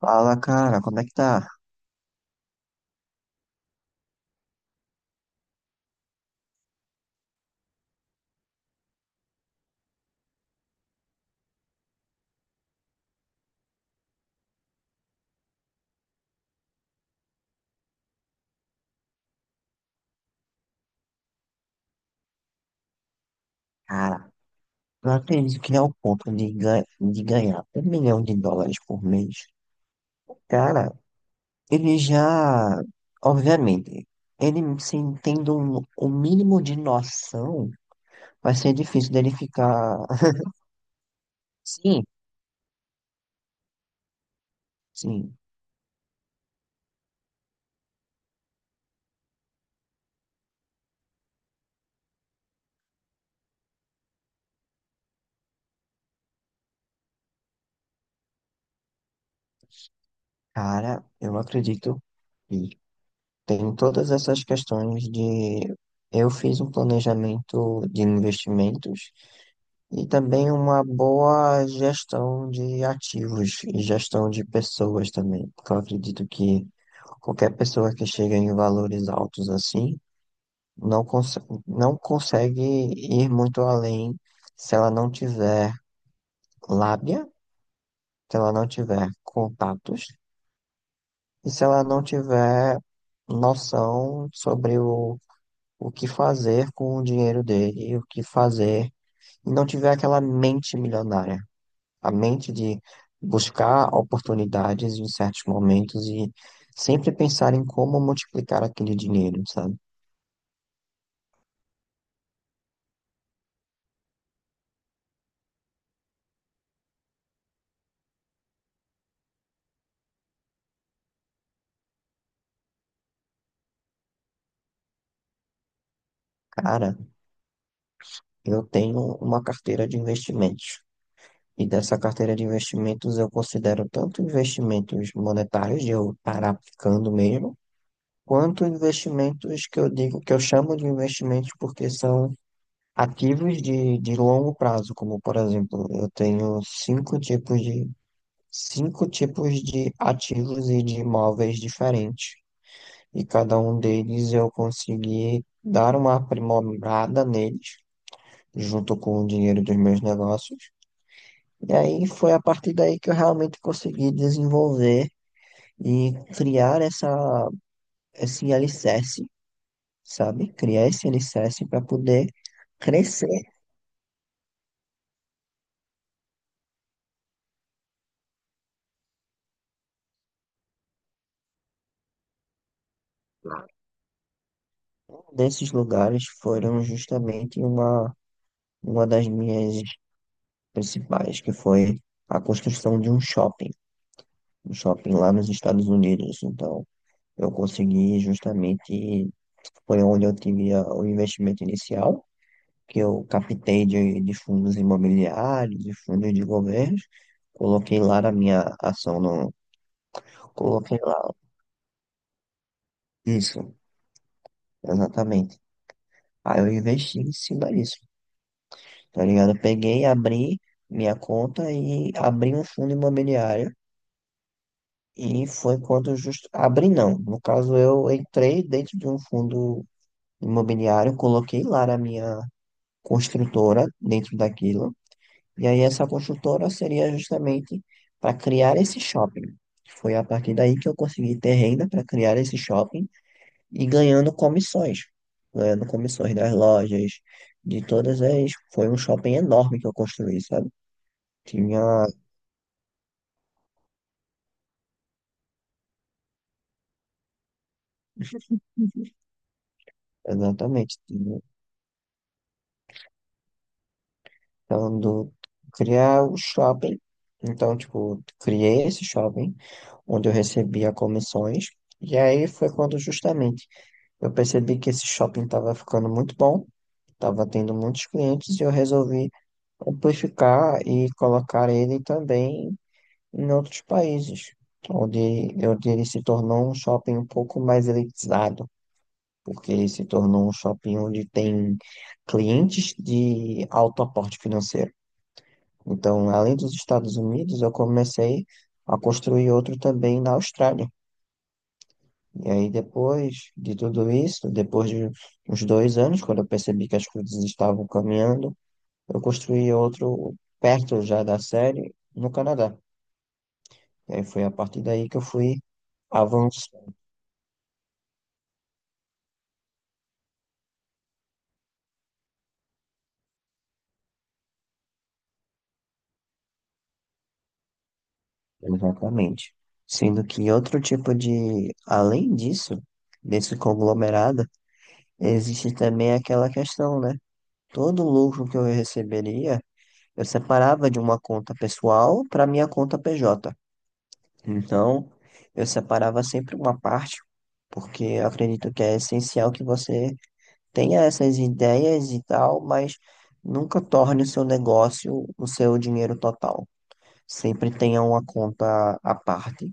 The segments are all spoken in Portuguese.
Fala, cara, como é que tá? Cara, não acredito que é o ponto de, de ganhar US$ 1 milhão por mês. Cara, ele já, obviamente, ele sem tendo o mínimo de noção, vai ser difícil dele ficar. Sim, sim. Cara, eu acredito que tem todas essas questões de. Eu fiz um planejamento de investimentos. E também uma boa gestão de ativos e gestão de pessoas também, porque eu acredito que qualquer pessoa que chega em valores altos assim não consegue ir muito além se ela não tiver lábia, se ela não tiver contatos e se ela não tiver noção sobre o que fazer com o dinheiro dele e o que fazer e não tiver aquela mente milionária. A mente de buscar oportunidades em certos momentos e sempre pensar em como multiplicar aquele dinheiro, sabe? Cara, eu tenho uma carteira de investimentos. E dessa carteira de investimentos eu considero tanto investimentos monetários, de eu estar aplicando mesmo, quanto investimentos que eu digo que eu chamo de investimentos porque são ativos de longo prazo, como por exemplo, eu tenho cinco tipos de ativos e de imóveis diferentes. E cada um deles eu consegui dar uma aprimorada neles, junto com o dinheiro dos meus negócios. E aí foi a partir daí que eu realmente consegui desenvolver e criar esse alicerce, sabe? Criar esse alicerce para poder crescer. Um desses lugares foram justamente uma das minhas principais, que foi a construção de um shopping. No shopping lá nos Estados Unidos. Então, eu consegui justamente, foi onde eu tive o investimento inicial, que eu captei de fundos imobiliários, de fundos de governos, coloquei lá na minha ação, no, coloquei lá, isso, exatamente. Aí eu investi em cima disso, tá ligado? Eu peguei, abri minha conta e abri um fundo imobiliário. E foi quando justo abri, não. No caso, eu entrei dentro de um fundo imobiliário, coloquei lá a minha construtora dentro daquilo. E aí essa construtora seria justamente para criar esse shopping. Foi a partir daí que eu consegui ter renda para criar esse shopping e ganhando comissões, das lojas, de todas as. Foi um shopping enorme que eu construí, sabe? Tinha, exatamente. Então, do, criar o shopping. Então, tipo, criei esse shopping, onde eu recebia comissões. E aí foi quando justamente eu percebi que esse shopping estava ficando muito bom, estava tendo muitos clientes, e eu resolvi amplificar e colocar ele também em outros países, onde ele se tornou um shopping um pouco mais elitizado, porque ele se tornou um shopping onde tem clientes de alto aporte financeiro. Então, além dos Estados Unidos, eu comecei a construir outro também na Austrália. E aí, depois de tudo isso, depois de uns dois anos, quando eu percebi que as coisas estavam caminhando, eu construí outro perto já da série no Canadá. E aí foi a partir daí que eu fui avançando, exatamente. Sendo que outro tipo de, além disso, desse conglomerado, existe também aquela questão, né? Todo o lucro que eu receberia eu separava de uma conta pessoal para minha conta PJ. Então, eu separava sempre uma parte, porque eu acredito que é essencial que você tenha essas ideias e tal, mas nunca torne o seu negócio o seu dinheiro total. Sempre tenha uma conta à parte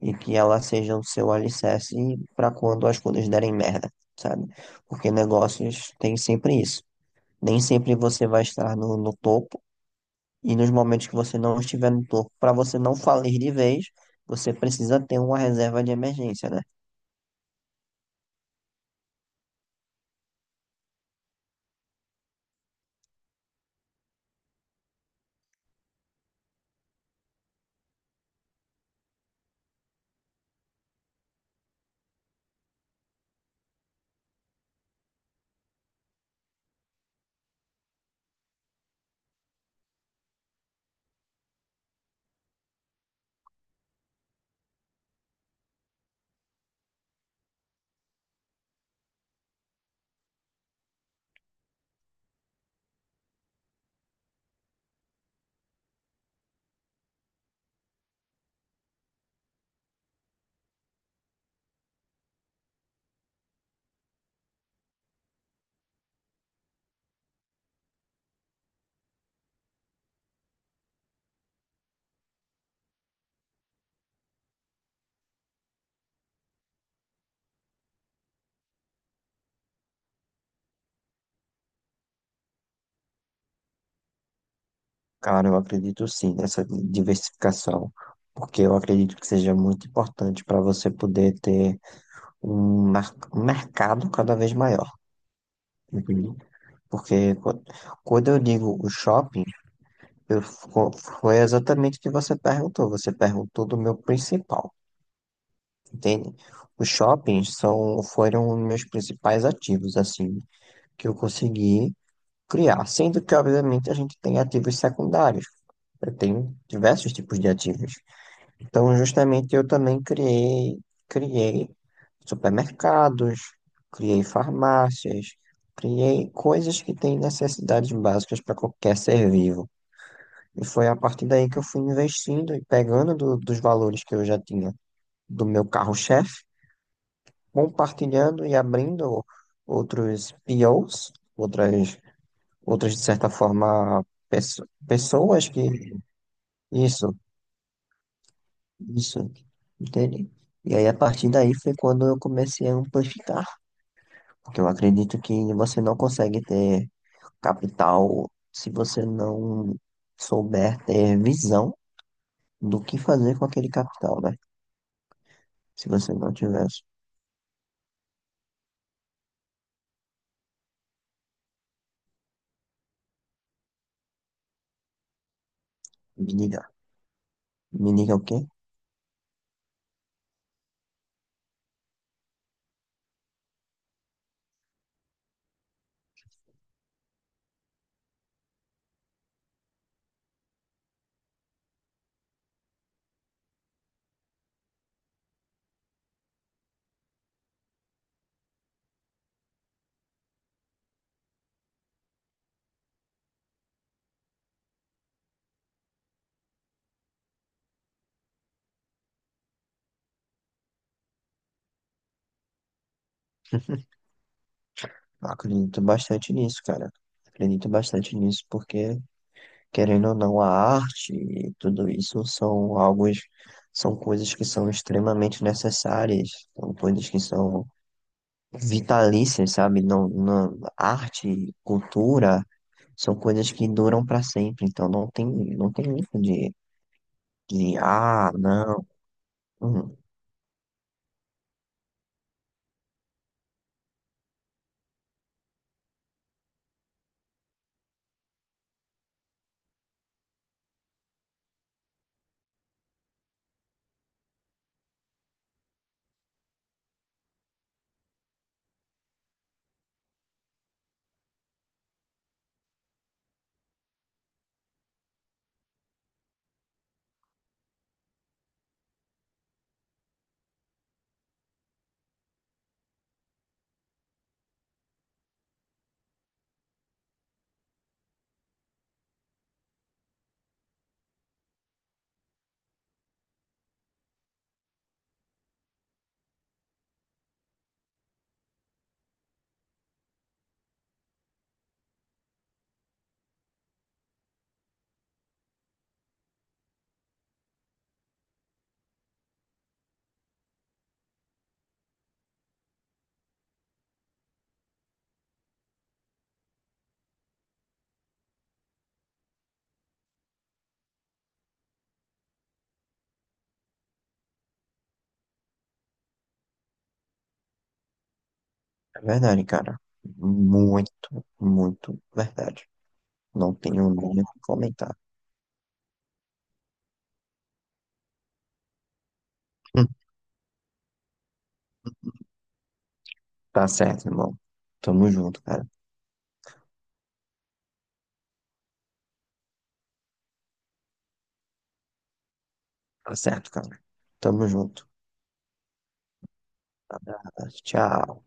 e que ela seja o seu alicerce para quando as coisas derem merda, sabe? Porque negócios têm sempre isso. Nem sempre você vai estar no topo e nos momentos que você não estiver no topo, para você não falir de vez, você precisa ter uma reserva de emergência, né? Cara, eu acredito sim nessa diversificação, porque eu acredito que seja muito importante para você poder ter um mercado cada vez maior, entendeu? Porque qu- Quando eu digo o shopping, eu, fo- foi exatamente o que você perguntou. Você perguntou do meu principal, entende? Os shoppings são, foram meus principais ativos, assim, que eu consegui criar. Sendo que, obviamente, a gente tem ativos secundários. Eu tenho diversos tipos de ativos. Então, justamente, eu também criei supermercados, criei farmácias, criei coisas que têm necessidades básicas para qualquer ser vivo. E foi a partir daí que eu fui investindo e pegando dos valores que eu já tinha do meu carro-chefe, compartilhando e abrindo outros POs, outras, de certa forma, pessoas que. Isso, isso, entende? E aí, a partir daí, foi quando eu comecei a amplificar. Porque eu acredito que você não consegue ter capital se você não souber ter visão do que fazer com aquele capital, né? Se você não tivesse. Me diga. Me diga o quê? Eu acredito bastante nisso, cara. Acredito bastante nisso, porque. Querendo ou não, a arte e tudo isso são alguns, são coisas que são extremamente necessárias, são coisas que são vitalícias, sabe? Não, não, arte, cultura, são coisas que duram para sempre, então não tem, não tem isso de, ah, não. Hum, é verdade, cara. Muito, muito verdade. Não tenho nem o que comentar. Hum. Tá certo, irmão. Tamo junto, cara. Tá certo, cara. Tamo junto. Abraço, tchau.